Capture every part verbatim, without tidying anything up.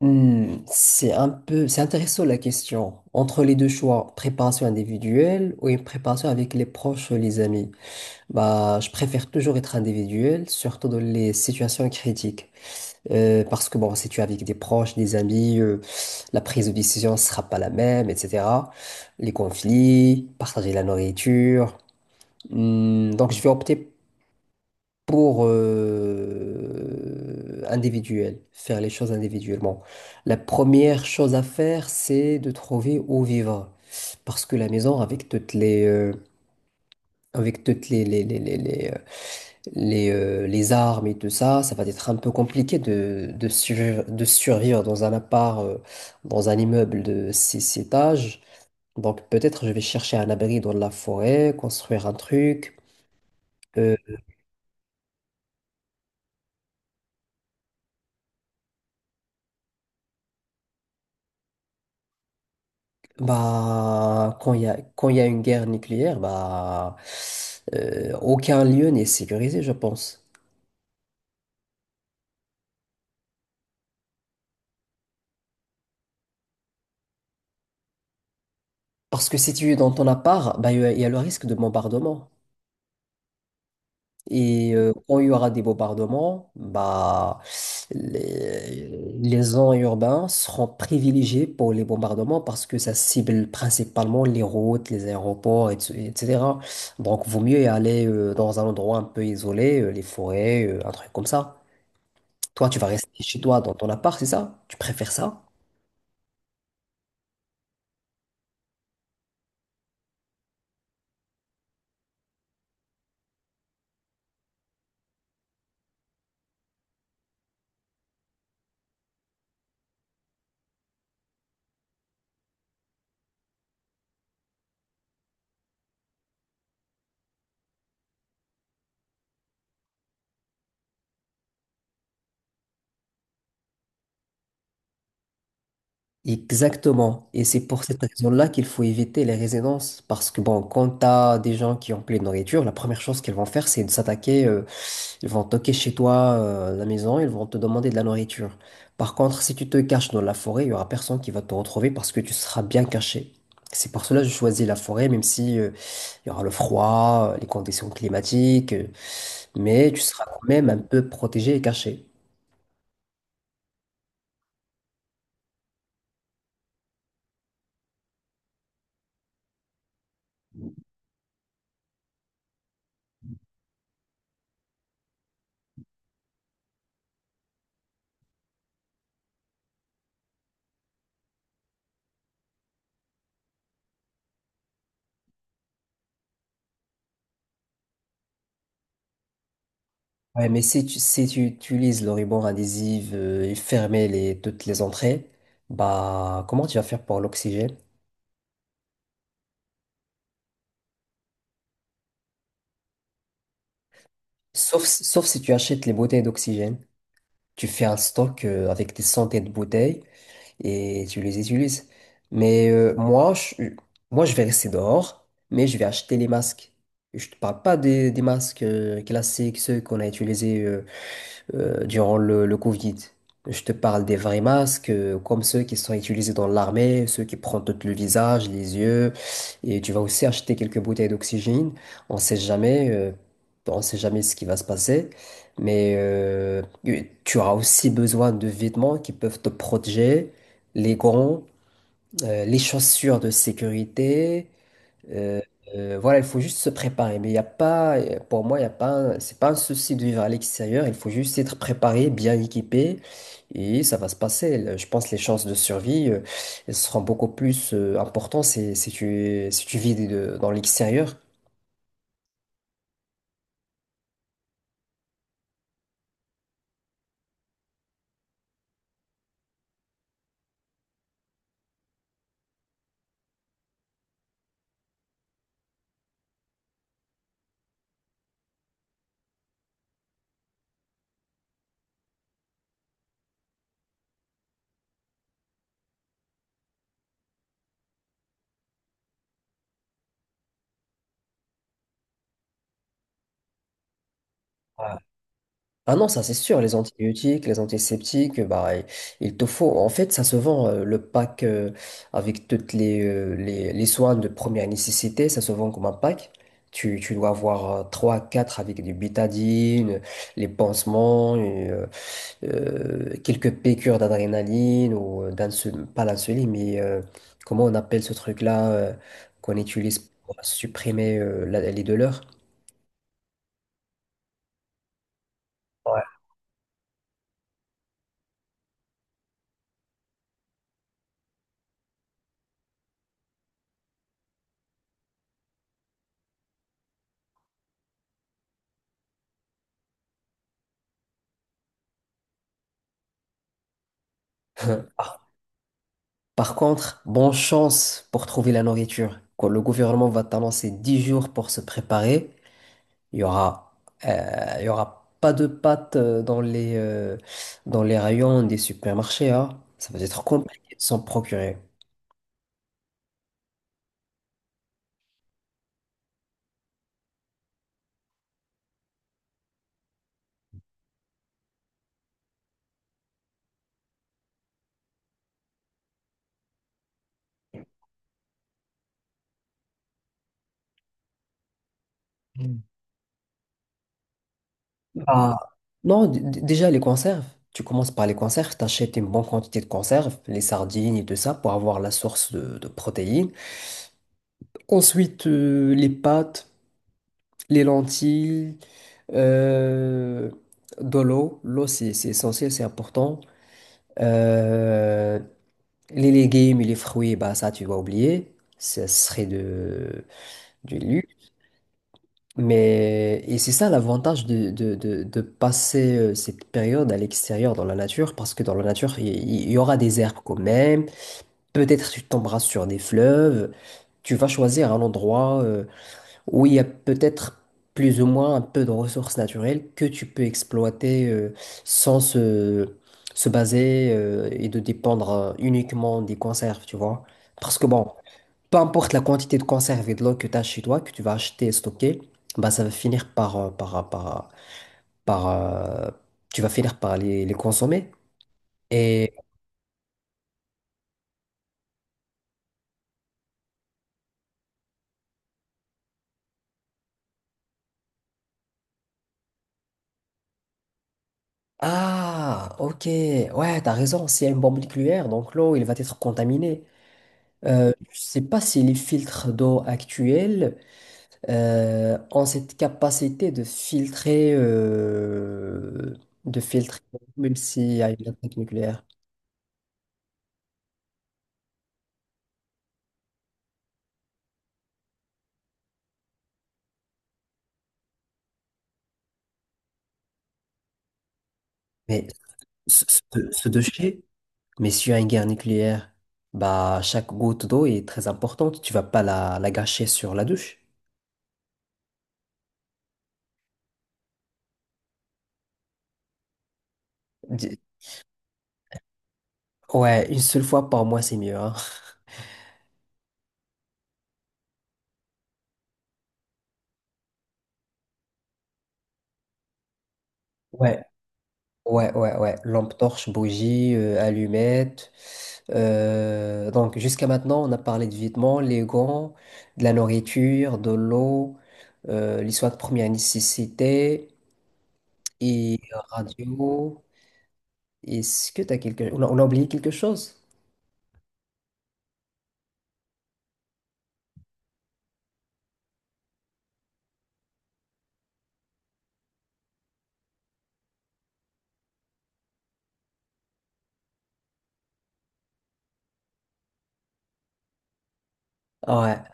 Hmm, c'est un peu, c'est intéressant la question. Entre les deux choix, préparation individuelle ou une préparation avec les proches ou les amis, bah, je préfère toujours être individuel, surtout dans les situations critiques. Euh, parce que bon, si tu es avec des proches, des amis, euh, la prise de décision ne sera pas la même, et cetera. Les conflits, partager la nourriture. Hmm, donc je vais opter pour euh, individuel, faire les choses individuellement. La première chose à faire, c'est de trouver où vivre. Parce que la maison, avec toutes les, euh, avec toutes les, les, les, les, les, euh, les, euh, les armes et tout ça, ça va être un peu compliqué de, de, survivre, de survivre dans un appart, euh, dans un immeuble de six étages. Donc peut-être je vais chercher un abri dans la forêt, construire un truc. euh, Bah, quand il y a, quand il y a une guerre nucléaire, bah, euh, aucun lieu n'est sécurisé, je pense. Parce que si tu es dans ton appart, bah, il y a il y a le risque de bombardement. Et euh, quand il y aura des bombardements, bah, les, les gens urbains seront privilégiées pour les bombardements parce que ça cible principalement les routes, les aéroports, et- etc. Donc, vaut mieux y aller euh, dans un endroit un peu isolé, euh, les forêts, euh, un truc comme ça. Toi, tu vas rester chez toi dans ton appart, c'est ça? Tu préfères ça? Exactement. Et c'est pour cette raison-là qu'il faut éviter les résidences. Parce que, bon, quand tu as des gens qui ont plein de nourriture, la première chose qu'ils vont faire, c'est de s'attaquer. Euh, ils vont toquer chez toi, euh, à la maison, ils vont te demander de la nourriture. Par contre, si tu te caches dans la forêt, il y aura personne qui va te retrouver parce que tu seras bien caché. C'est pour cela que je choisis la forêt, même si euh, il y aura le froid, euh, les conditions climatiques, euh, mais tu seras quand même un peu protégé et caché. Ouais, mais si tu, si tu utilises le ruban adhésif euh, et fermer les, toutes les entrées, bah comment tu vas faire pour l'oxygène? Sauf, sauf si tu achètes les bouteilles d'oxygène. Tu fais un stock euh, avec des centaines de bouteilles et tu les utilises. Mais euh, moi, je, moi, je vais rester dehors, mais je vais acheter les masques. Je te parle pas des, des masques euh, classiques, ceux qu'on a utilisés euh, euh, durant le, le Covid. Je te parle des vrais masques, euh, comme ceux qui sont utilisés dans l'armée, ceux qui prennent tout le visage, les yeux. Et tu vas aussi acheter quelques bouteilles d'oxygène. On sait jamais, euh, on sait jamais ce qui va se passer. Mais euh, tu auras aussi besoin de vêtements qui peuvent te protéger, les gants, euh, les chaussures de sécurité. Euh, euh, voilà, il faut juste se préparer. Mais il y a pas, euh, pour moi, il y a pas, un- c'est pas un souci de vivre à l'extérieur. Il faut juste être préparé, bien équipé, et ça va se passer. Le- Je pense que les chances de survie, euh, elles seront beaucoup plus euh, importantes si, si tu, si tu vis de- dans l'extérieur. Ah non, ça c'est sûr, les antibiotiques, les antiseptiques, bah, il il te faut. En fait, ça se vend euh, le pack euh, avec toutes les, euh, les, les soins de première nécessité, ça se vend comme un pack. Tu, tu dois avoir euh, trois quatre avec du bétadine, les pansements, et, euh, euh, quelques piqûres d'adrénaline ou euh, d'insul, pas l'insuline mais euh, comment on appelle ce truc-là euh, qu'on utilise pour supprimer euh, la- les douleurs? Ouais. Par contre, bonne chance pour trouver la nourriture. Quand le gouvernement va t'annoncer dix jours pour se préparer, il y aura, euh, il y aura pas de pâtes euh, dans les, euh, dans les rayons des supermarchés, hein. Ça va être compliqué de s'en procurer. Mm. Ah, non, d- d- déjà les conserves. Tu commences par les conserves, t'achètes une bonne quantité de conserves, les sardines et tout ça, pour avoir la source de, de protéines. Ensuite, euh, les pâtes. Les lentilles, euh, de l'eau. L'eau, c'est c'est essentiel, c'est important. Euh, les légumes et les fruits, bah, ça, tu vas oublier. Ça serait de, du luxe. Mais, et c'est ça l'avantage de, de, de, de passer euh, cette période à l'extérieur dans la nature, parce que dans la nature, il il y, aura des herbes quand même. Peut-être tu tomberas sur des fleuves. Tu vas choisir un endroit. euh, où il y a peut-être plus ou moins un peu de ressources naturelles que tu peux exploiter euh, sans se, se baser euh, et de dépendre euh, uniquement des conserves, tu vois. Parce que bon, peu importe la quantité de conserve et de l'eau que tu as chez toi, que tu vas acheter et stocker, bah, ça va finir par, euh, par, euh, par, euh, par, euh, tu vas finir par les, les consommer. Et ah, ok, ouais, t'as raison, s'il y a une bombe nucléaire, donc l'eau, il va être contaminé. Euh, je ne sais pas si les filtres d'eau actuels euh, ont cette capacité de filtrer, euh, de filtrer, même s'il y a une attaque nucléaire. Mais ce, ce, ce déchet, mais s'il y a une guerre nucléaire, bah, chaque goutte d'eau est très importante. Tu vas pas la, la gâcher sur la douche. Di- Ouais, une seule fois par mois, c'est mieux. Hein. Ouais, Ouais, ouais, ouais. Lampe torche, bougie, euh, allumette. Euh, donc jusqu'à maintenant, on a parlé de vêtements, les gants, de la nourriture, de l'eau, euh, les soins de première nécessité et radio. Est-ce que t'as quelque... on a, on a oublié quelque chose? Ouais.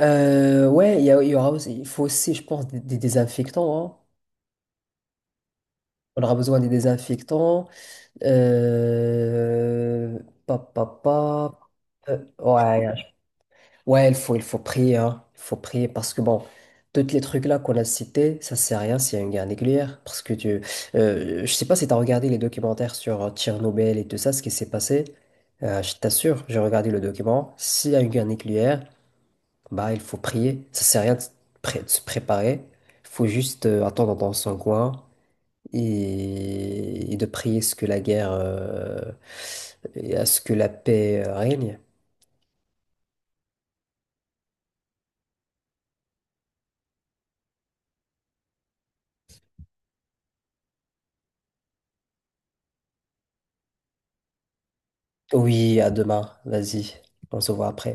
Euh, ouais, il y, a- il y aura aussi, il faut aussi, je pense, des, des désinfectants. Hein. On aura besoin des désinfectants. Euh... Pa, pa, pa. Euh, ouais, Ouais, il faut, il faut prier, hein. Il faut prier parce que bon, tous les trucs là qu'on a cités, ça sert à rien s'il y a une guerre nucléaire. Parce que tu, euh, je sais pas si t'as regardé les documentaires sur euh, Tchernobyl et tout ça, ce qui s'est passé. Euh, je t'assure, j'ai regardé le document. S'il y a une guerre nucléaire, bah il faut prier. Ça sert à rien de, se pré- de se préparer. Il faut juste euh, attendre dans son coin et, et de prier ce que la guerre, euh, et à ce que la paix euh, règne. Oui, à demain. Vas-y, on se voit après.